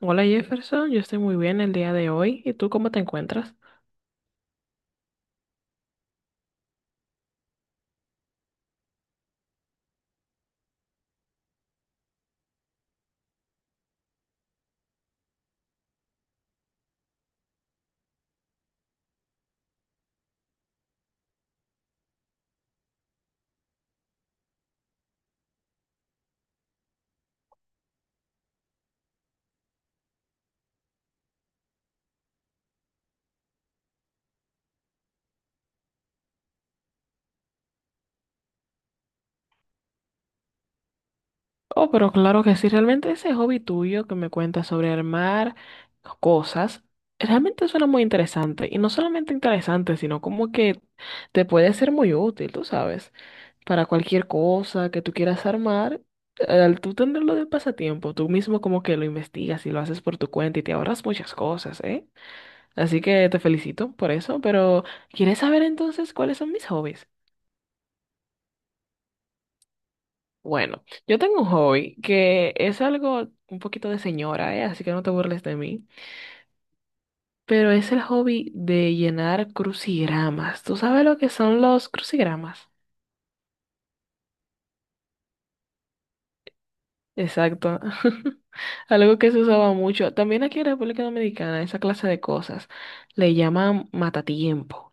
Hola Jefferson, yo estoy muy bien el día de hoy. ¿Y tú cómo te encuentras? Oh, pero claro que sí, realmente ese hobby tuyo que me cuentas sobre armar cosas, realmente suena muy interesante. Y no solamente interesante, sino como que te puede ser muy útil, tú sabes, para cualquier cosa que tú quieras armar. Al tú tenerlo de pasatiempo, tú mismo como que lo investigas y lo haces por tu cuenta y te ahorras muchas cosas, ¿eh? Así que te felicito por eso, pero ¿quieres saber entonces cuáles son mis hobbies? Bueno, yo tengo un hobby que es algo un poquito de señora, ¿eh? Así que no te burles de mí. Pero es el hobby de llenar crucigramas. ¿Tú sabes lo que son los crucigramas? Exacto. Algo que se usaba mucho. También aquí en República Dominicana, esa clase de cosas le llaman matatiempo.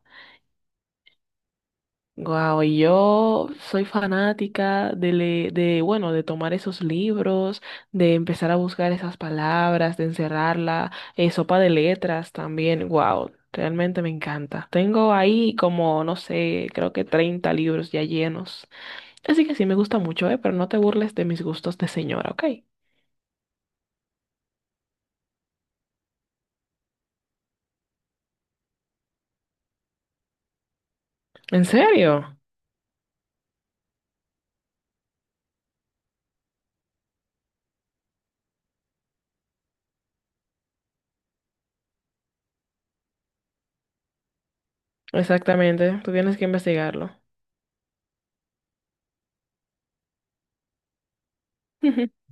Wow, y yo soy fanática de, de tomar esos libros, de empezar a buscar esas palabras, de encerrarla, sopa de letras también, wow, realmente me encanta. Tengo ahí como, no sé, creo que 30 libros ya llenos. Así que sí, me gusta mucho, pero no te burles de mis gustos de señora, ¿ok? ¿En serio? Exactamente, tú tienes que investigarlo.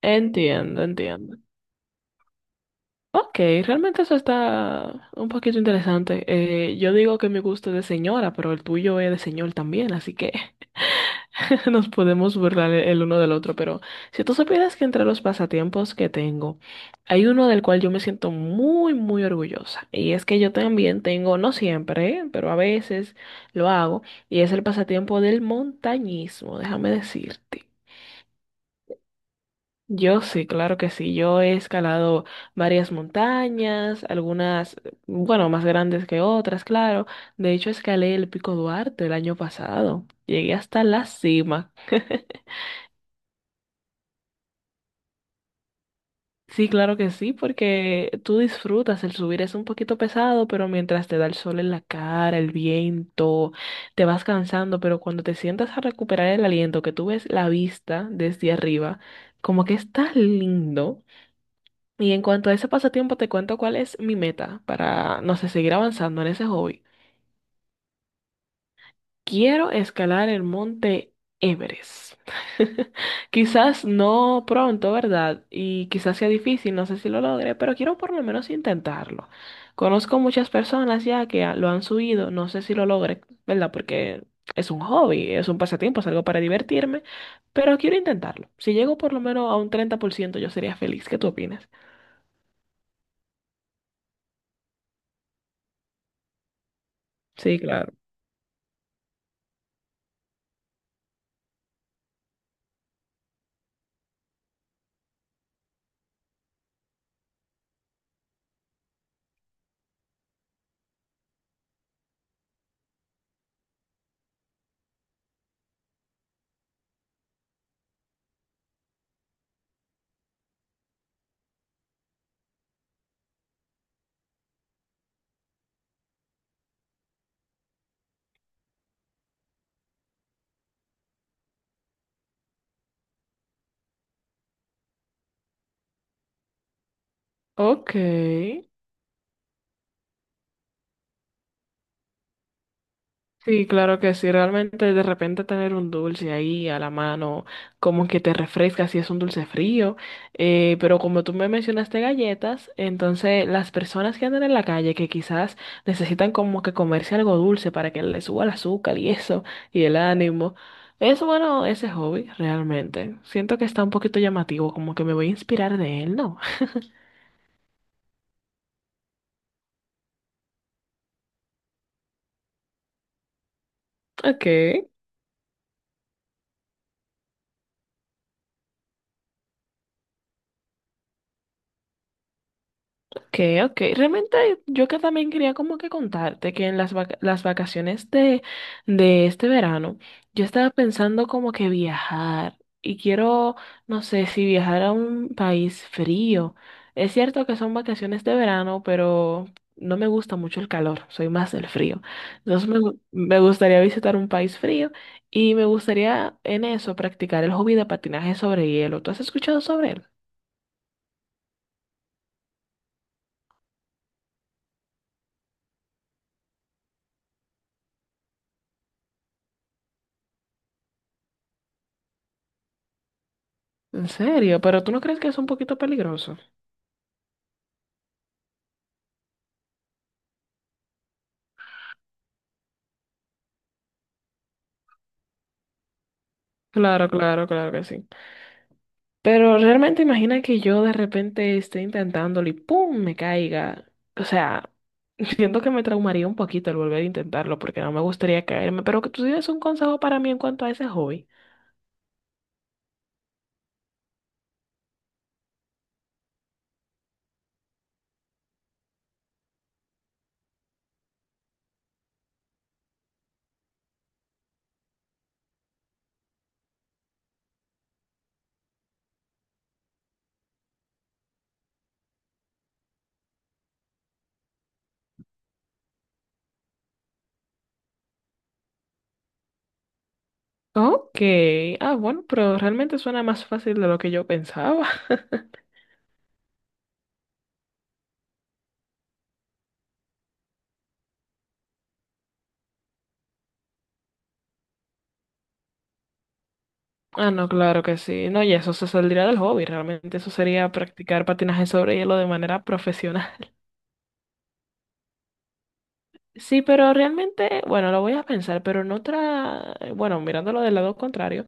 Entiendo, entiendo. Ok, realmente eso está un poquito interesante. Yo digo que mi gusto es de señora, pero el tuyo es de señor también, así que nos podemos burlar el uno del otro. Pero si tú supieras que entre los pasatiempos que tengo, hay uno del cual yo me siento muy, muy orgullosa. Y es que yo también tengo, no siempre, ¿eh? Pero a veces lo hago, y es el pasatiempo del montañismo, déjame decirte. Yo sí, claro que sí. Yo he escalado varias montañas, algunas, bueno, más grandes que otras, claro. De hecho, escalé el Pico Duarte el año pasado. Llegué hasta la cima. Sí, claro que sí, porque tú disfrutas el subir. Es un poquito pesado, pero mientras te da el sol en la cara, el viento, te vas cansando, pero cuando te sientas a recuperar el aliento, que tú ves la vista desde arriba, como que está lindo. Y en cuanto a ese pasatiempo, te cuento cuál es mi meta para, no sé, seguir avanzando en ese hobby. Quiero escalar el monte Everest. Quizás no pronto, ¿verdad? Y quizás sea difícil, no sé si lo logre, pero quiero por lo menos intentarlo. Conozco muchas personas ya lo han subido, no sé si lo logre, ¿verdad? Porque es un hobby, es un pasatiempo, es algo para divertirme, pero quiero intentarlo. Si llego por lo menos a un 30% yo sería feliz. ¿Qué tú opinas? Sí, claro. Ok. Sí, claro que sí. Realmente de repente tener un dulce ahí a la mano, como que te refresca si es un dulce frío. Pero como tú me mencionaste galletas, entonces las personas que andan en la calle que quizás necesitan como que comerse algo dulce para que les suba el azúcar y eso, y el ánimo. Es bueno ese hobby, realmente. Siento que está un poquito llamativo, como que me voy a inspirar de él, ¿no? Ok. Okay, okay. Realmente yo que también quería como que contarte que en las vacaciones de este verano yo estaba pensando como que viajar y quiero, no sé, si viajar a un país frío. Es cierto que son vacaciones de verano, pero no me gusta mucho el calor, soy más del frío. Entonces me gustaría visitar un país frío y me gustaría en eso practicar el hobby de patinaje sobre hielo. ¿Tú has escuchado sobre él? ¿En serio? ¿Pero tú no crees que es un poquito peligroso? Claro, claro, claro que sí. Pero realmente imagina que yo de repente esté intentándolo y ¡pum! Me caiga. O sea, siento que me traumaría un poquito el volver a intentarlo porque no me gustaría caerme. Pero que tú tienes un consejo para mí en cuanto a ese hobby. Ok. Ah, bueno, pero realmente suena más fácil de lo que yo pensaba. Ah, no, claro que sí. No, y eso se saldría del hobby. Realmente eso sería practicar patinaje sobre hielo de manera profesional. Sí, pero realmente, bueno, lo voy a pensar, pero en otra, bueno, mirándolo del lado contrario,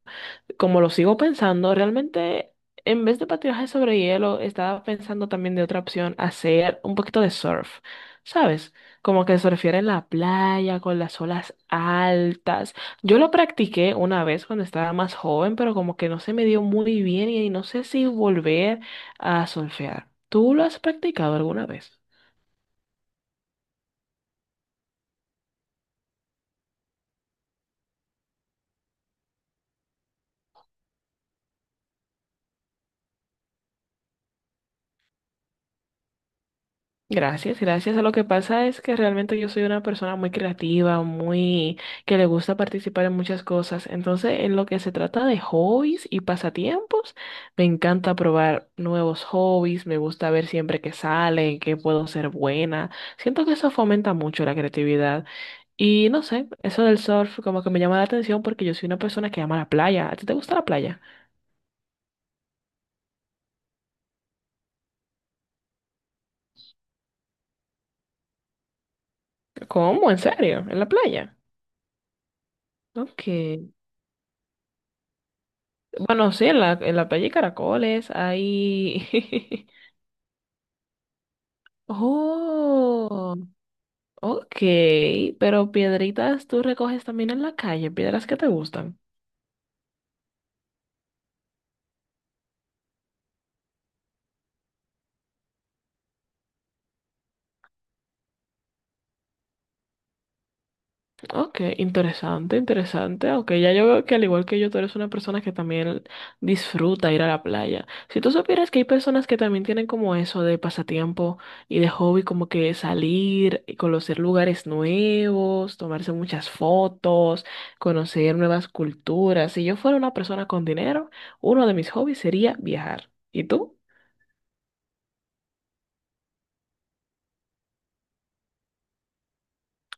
como lo sigo pensando, realmente en vez de patinaje sobre hielo, estaba pensando también de otra opción, hacer un poquito de surf, ¿sabes? Como que surfear en la playa con las olas altas. Yo lo practiqué una vez cuando estaba más joven, pero como que no se me dio muy bien y no sé si volver a surfear. ¿Tú lo has practicado alguna vez? Gracias, gracias. Lo que pasa es que realmente yo soy una persona muy creativa, muy que le gusta participar en muchas cosas. Entonces, en lo que se trata de hobbies y pasatiempos, me encanta probar nuevos hobbies, me gusta ver siempre que salen, que puedo ser buena. Siento que eso fomenta mucho la creatividad. Y no sé, eso del surf como que me llama la atención porque yo soy una persona que ama la playa. ¿A ti te gusta la playa? ¿Cómo? ¿En serio? ¿En la playa? Ok. Bueno, sí, en la playa hay caracoles, hay... Oh, ok, pero piedritas tú recoges también en la calle, piedras que te gustan. Ok, interesante, interesante. Ok, ya yo veo que al igual que yo, tú eres una persona que también disfruta ir a la playa. Si tú supieras que hay personas que también tienen como eso de pasatiempo y de hobby, como que salir y conocer lugares nuevos, tomarse muchas fotos, conocer nuevas culturas. Si yo fuera una persona con dinero, uno de mis hobbies sería viajar. ¿Y tú?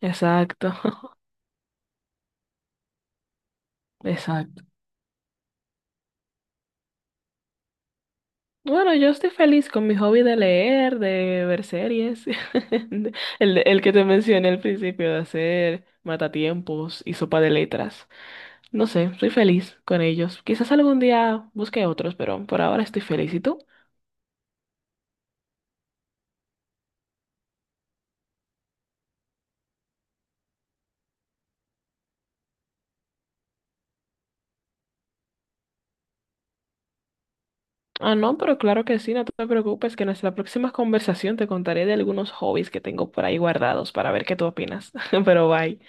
Exacto, exacto. Bueno, yo estoy feliz con mi hobby de leer, de ver series, de- el que te mencioné al principio, de hacer matatiempos y sopa de letras. No sé, estoy feliz con ellos. Quizás algún día busque otros, pero por ahora estoy feliz. ¿Y tú? Ah, no, pero claro que sí, no te preocupes, que en nuestra próxima conversación te contaré de algunos hobbies que tengo por ahí guardados para ver qué tú opinas. Pero bye.